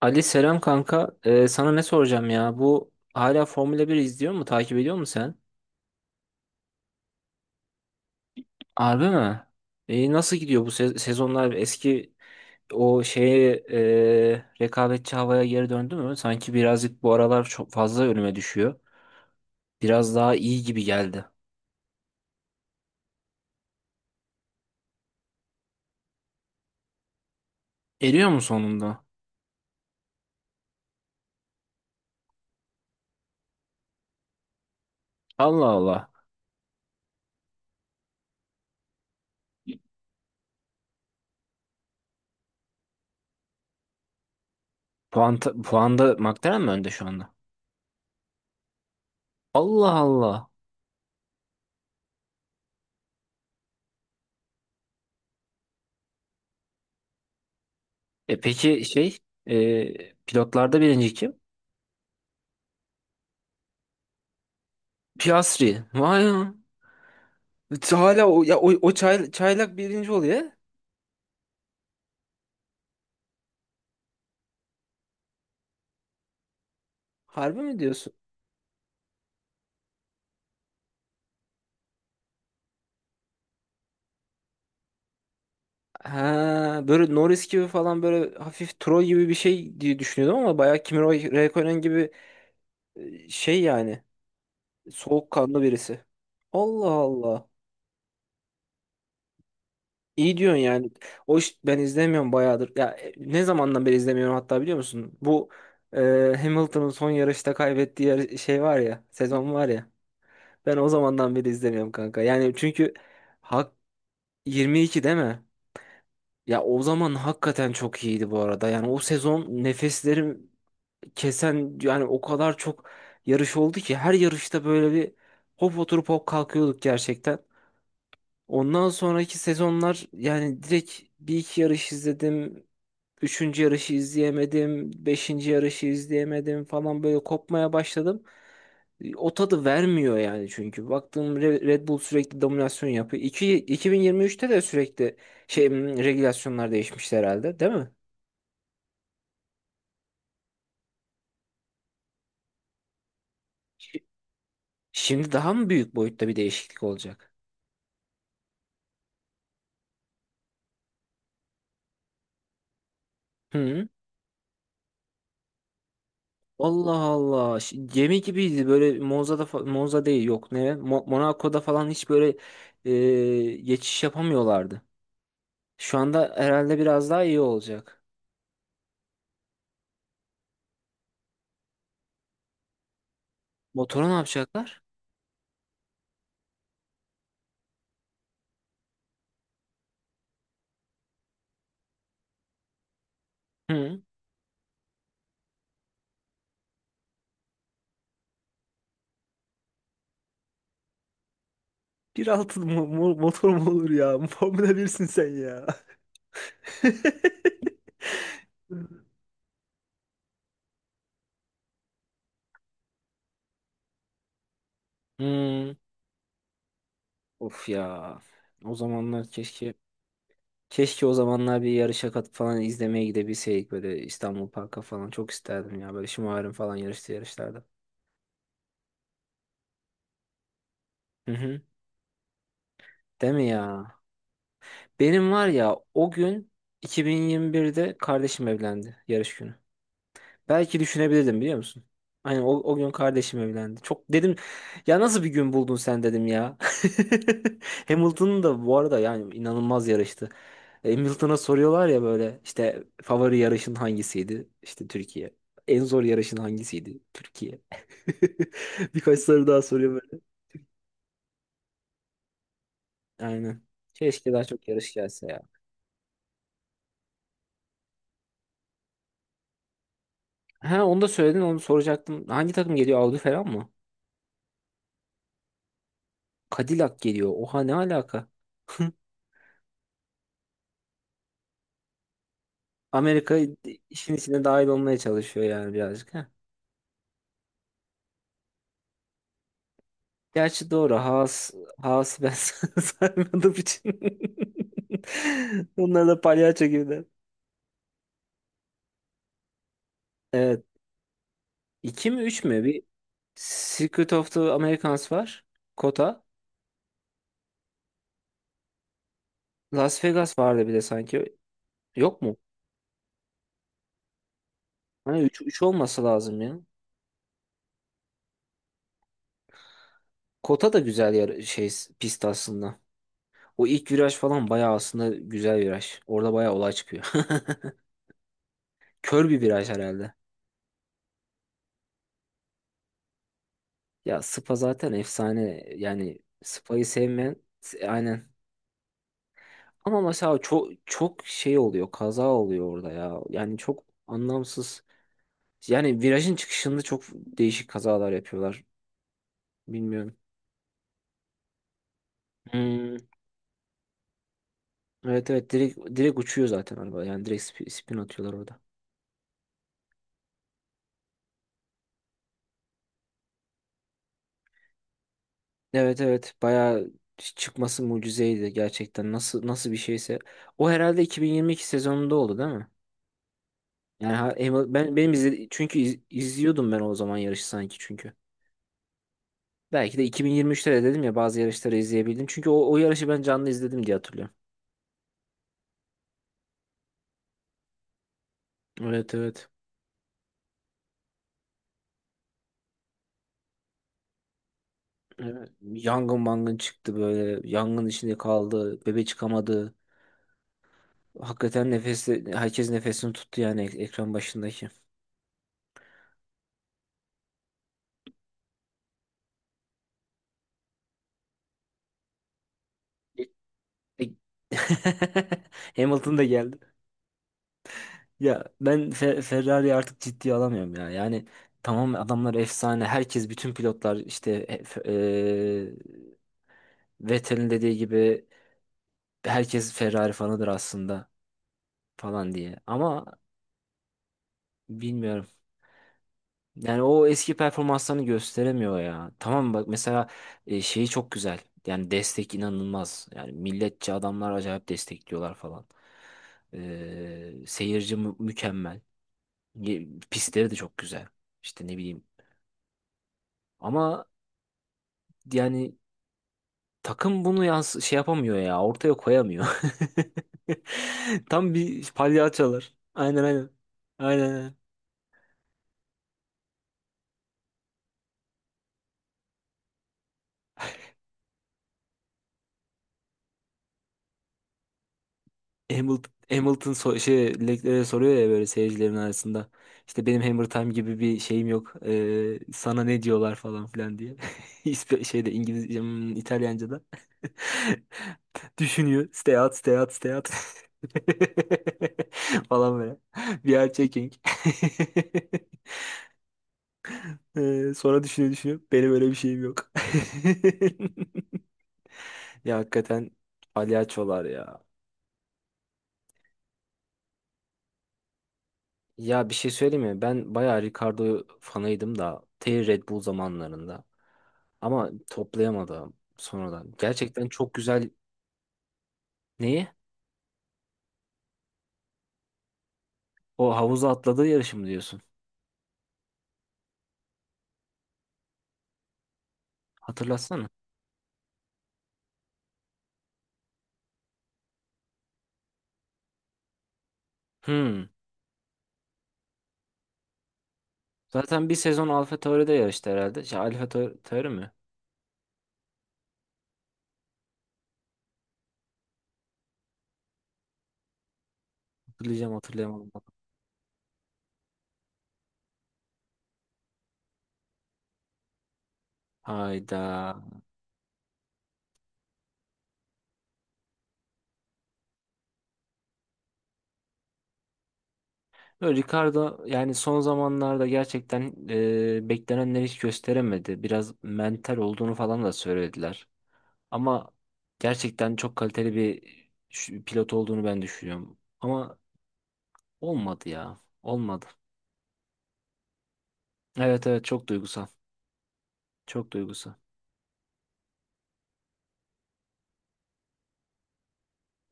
Ali selam kanka. Sana ne soracağım ya? Bu hala Formula 1 izliyor mu? Takip ediyor musun sen? Harbi mi? Nasıl gidiyor bu sezonlar? Eski o şeye rekabetçi havaya geri döndü mü? Sanki birazcık bu aralar çok fazla önüme düşüyor. Biraz daha iyi gibi geldi. Eriyor mu sonunda? Allah Allah. Puanda McLaren mi önde şu anda? Allah Allah. E peki pilotlarda birinci kim? Piastri. Vay ya. Hala o çaylak birinci oluyor. Harbi mi diyorsun? Ha, böyle Norris gibi falan böyle hafif troll gibi bir şey diye düşünüyordum ama bayağı Kimi Räikkönen gibi yani soğukkanlı birisi. Allah Allah. İyi diyorsun yani. O iş ben izlemiyorum bayağıdır. Ya ne zamandan beri izlemiyorum hatta biliyor musun? Bu e, Hamilton'ın son yarışta kaybettiği şey var ya, sezon var ya. Ben o zamandan beri izlemiyorum kanka. Yani çünkü hak 22 değil mi? Ya o zaman hakikaten çok iyiydi bu arada. Yani o sezon nefeslerim kesen yani o kadar çok yarış oldu ki her yarışta böyle bir hop oturup hop kalkıyorduk gerçekten. Ondan sonraki sezonlar yani direkt bir iki yarış izledim. Üçüncü yarışı izleyemedim. Beşinci yarışı izleyemedim falan böyle kopmaya başladım. O tadı vermiyor yani çünkü. Baktığım Red Bull sürekli dominasyon yapıyor. 2023'te de sürekli regülasyonlar değişmişti herhalde değil mi? Şi- Şimdi daha mı büyük boyutta bir değişiklik olacak? Hı. Allah Allah. Gemi gibiydi böyle Monza'da Monza değil yok ne? Monaco'da falan hiç böyle geçiş yapamıyorlardı. Şu anda herhalde biraz daha iyi olacak. Motoru ne yapacaklar? Hı. 1.6 motor mu olur ya? Formula 1'sin sen ya. Hı. Of ya. O zamanlar keşke Keşke o zamanlar bir yarışa katıp falan izlemeye gidebilseydik böyle İstanbul Park'a falan çok isterdim ya böyle şımarım falan yarıştı yarışlarda. Hı hı. Değil mi ya? Benim var ya o gün 2021'de kardeşim evlendi yarış günü. Belki düşünebilirdim biliyor musun? Aynen o gün kardeşim evlendi. Çok dedim ya nasıl bir gün buldun sen dedim ya. Hamilton'ın da bu arada yani inanılmaz yarıştı. Hamilton'a soruyorlar ya böyle işte favori yarışın hangisiydi? İşte Türkiye. En zor yarışın hangisiydi? Türkiye. Birkaç soru daha soruyor böyle. Aynen. Keşke daha çok yarış gelse ya. Ha onu da söyledin onu soracaktım. Hangi takım geliyor? Audi falan mı? Cadillac geliyor. Oha ne alaka? Amerika işin içine dahil olmaya çalışıyor yani birazcık. Ha. Gerçi doğru. Haas'ı ben saymadığım için. Onlar da palyaço gibiler. Evet. 2 mi 3 mü? Bir Secret of the Americans var. Kota. Las Vegas vardı bir de sanki. Yok mu? Hani 3 olması lazım ya. Kota da güzel yer pist aslında. O ilk viraj falan bayağı aslında güzel viraj. Orada bayağı olay çıkıyor. Kör bir viraj herhalde. Ya Spa zaten efsane. Yani Spa'yı sevmeyen aynen. Ama mesela çok çok oluyor. Kaza oluyor orada ya. Yani çok anlamsız. Yani virajın çıkışında çok değişik kazalar yapıyorlar. Bilmiyorum. Hmm. Evet evet direkt direkt uçuyor zaten araba. Yani direkt spin atıyorlar orada. Evet evet bayağı çıkması mucizeydi gerçekten. Nasıl nasıl bir şeyse. O herhalde 2022 sezonunda oldu değil mi? Yani benim çünkü izliyordum ben o zaman yarışı sanki çünkü. Belki de 2023'te de dedim ya bazı yarışları izleyebildim. Çünkü o yarışı ben canlı izledim diye hatırlıyorum. Evet evet. Evet. Yangın mangın çıktı böyle. Yangın içinde kaldı. Bebe çıkamadı. Hakikaten herkes nefesini tuttu yani ekran başındaki. E- e- Hamilton da geldi. Ya ben Ferrari artık ciddiye alamıyorum ya. Yani tamam adamlar efsane. Herkes bütün pilotlar işte Vettel'in dediği gibi herkes Ferrari fanıdır aslında falan diye. Ama bilmiyorum. Yani o eski performanslarını gösteremiyor ya. Tamam bak mesela şeyi çok güzel. Yani destek inanılmaz. Yani milletçi adamlar acayip destekliyorlar falan. Seyirci mükemmel. Pistleri de çok güzel. İşte ne bileyim. Ama yani takım bunu yans şey yapamıyor ya. Ortaya koyamıyor. Tam bir palyaçolar. Aynen aynen. Aynen aynen. Hamilton Leclerc'e soruyor ya böyle seyircilerin arasında. İşte benim Hammer Time gibi bir şeyim yok. Sana ne diyorlar falan filan diye. Şeyde İngilizce, İtalyanca'da. Düşünüyor. Stay out, stay out, stay out. falan böyle. We are checking. Sonra düşünüyor düşünüyor. Benim öyle bir şeyim yok. Ya hakikaten palyaçolar ya. Ya bir şey söyleyeyim mi? Ben bayağı Ricardo fanıydım da Red Bull zamanlarında. Ama toplayamadım sonradan. Gerçekten çok güzel neyi? O havuza atladığı yarışı mı diyorsun? Hatırlatsana. Hmm. Zaten bir sezon AlphaTauri'de yarıştı herhalde. Şey, AlphaTauri mi? Hatırlayacağım hatırlayamadım. Hayda. Böyle Ricardo yani son zamanlarda gerçekten beklenenleri hiç gösteremedi. Biraz mental olduğunu falan da söylediler. Ama gerçekten çok kaliteli bir pilot olduğunu ben düşünüyorum. Ama olmadı ya. Olmadı. Evet evet çok duygusal. Çok duygusal.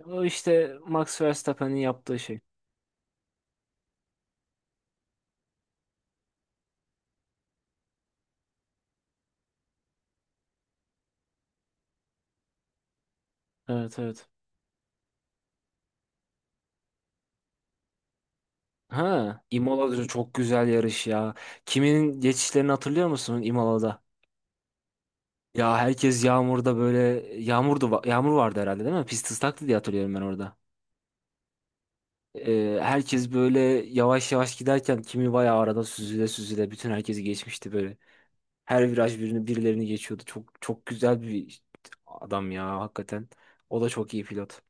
O işte Max Verstappen'in yaptığı şey. Evet evet. Ha, Imola'da çok güzel yarış ya. Kiminin geçişlerini hatırlıyor musun Imola'da? Ya herkes yağmurda böyle yağmur vardı herhalde değil mi? Pist ıslaktı diye hatırlıyorum ben orada. Herkes böyle yavaş yavaş giderken kimi bayağı arada süzüle süzüle bütün herkesi geçmişti böyle. Her viraj birilerini geçiyordu. Çok çok güzel bir adam ya hakikaten. O da çok iyi pilot.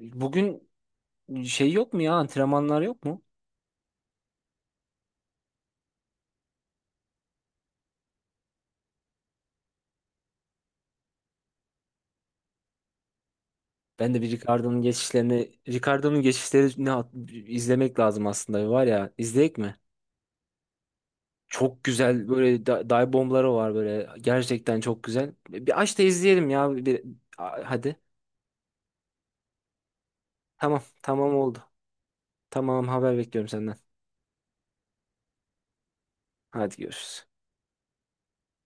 Bugün şey yok mu ya antrenmanlar yok mu? Ben de bir Ricardo'nun geçişlerini izlemek lazım aslında var ya izleyek mi? Çok güzel böyle dive bombları var böyle gerçekten çok güzel. Bir aç da izleyelim ya bir, hadi. Tamam tamam oldu. Tamam haber bekliyorum senden. Hadi görüşürüz.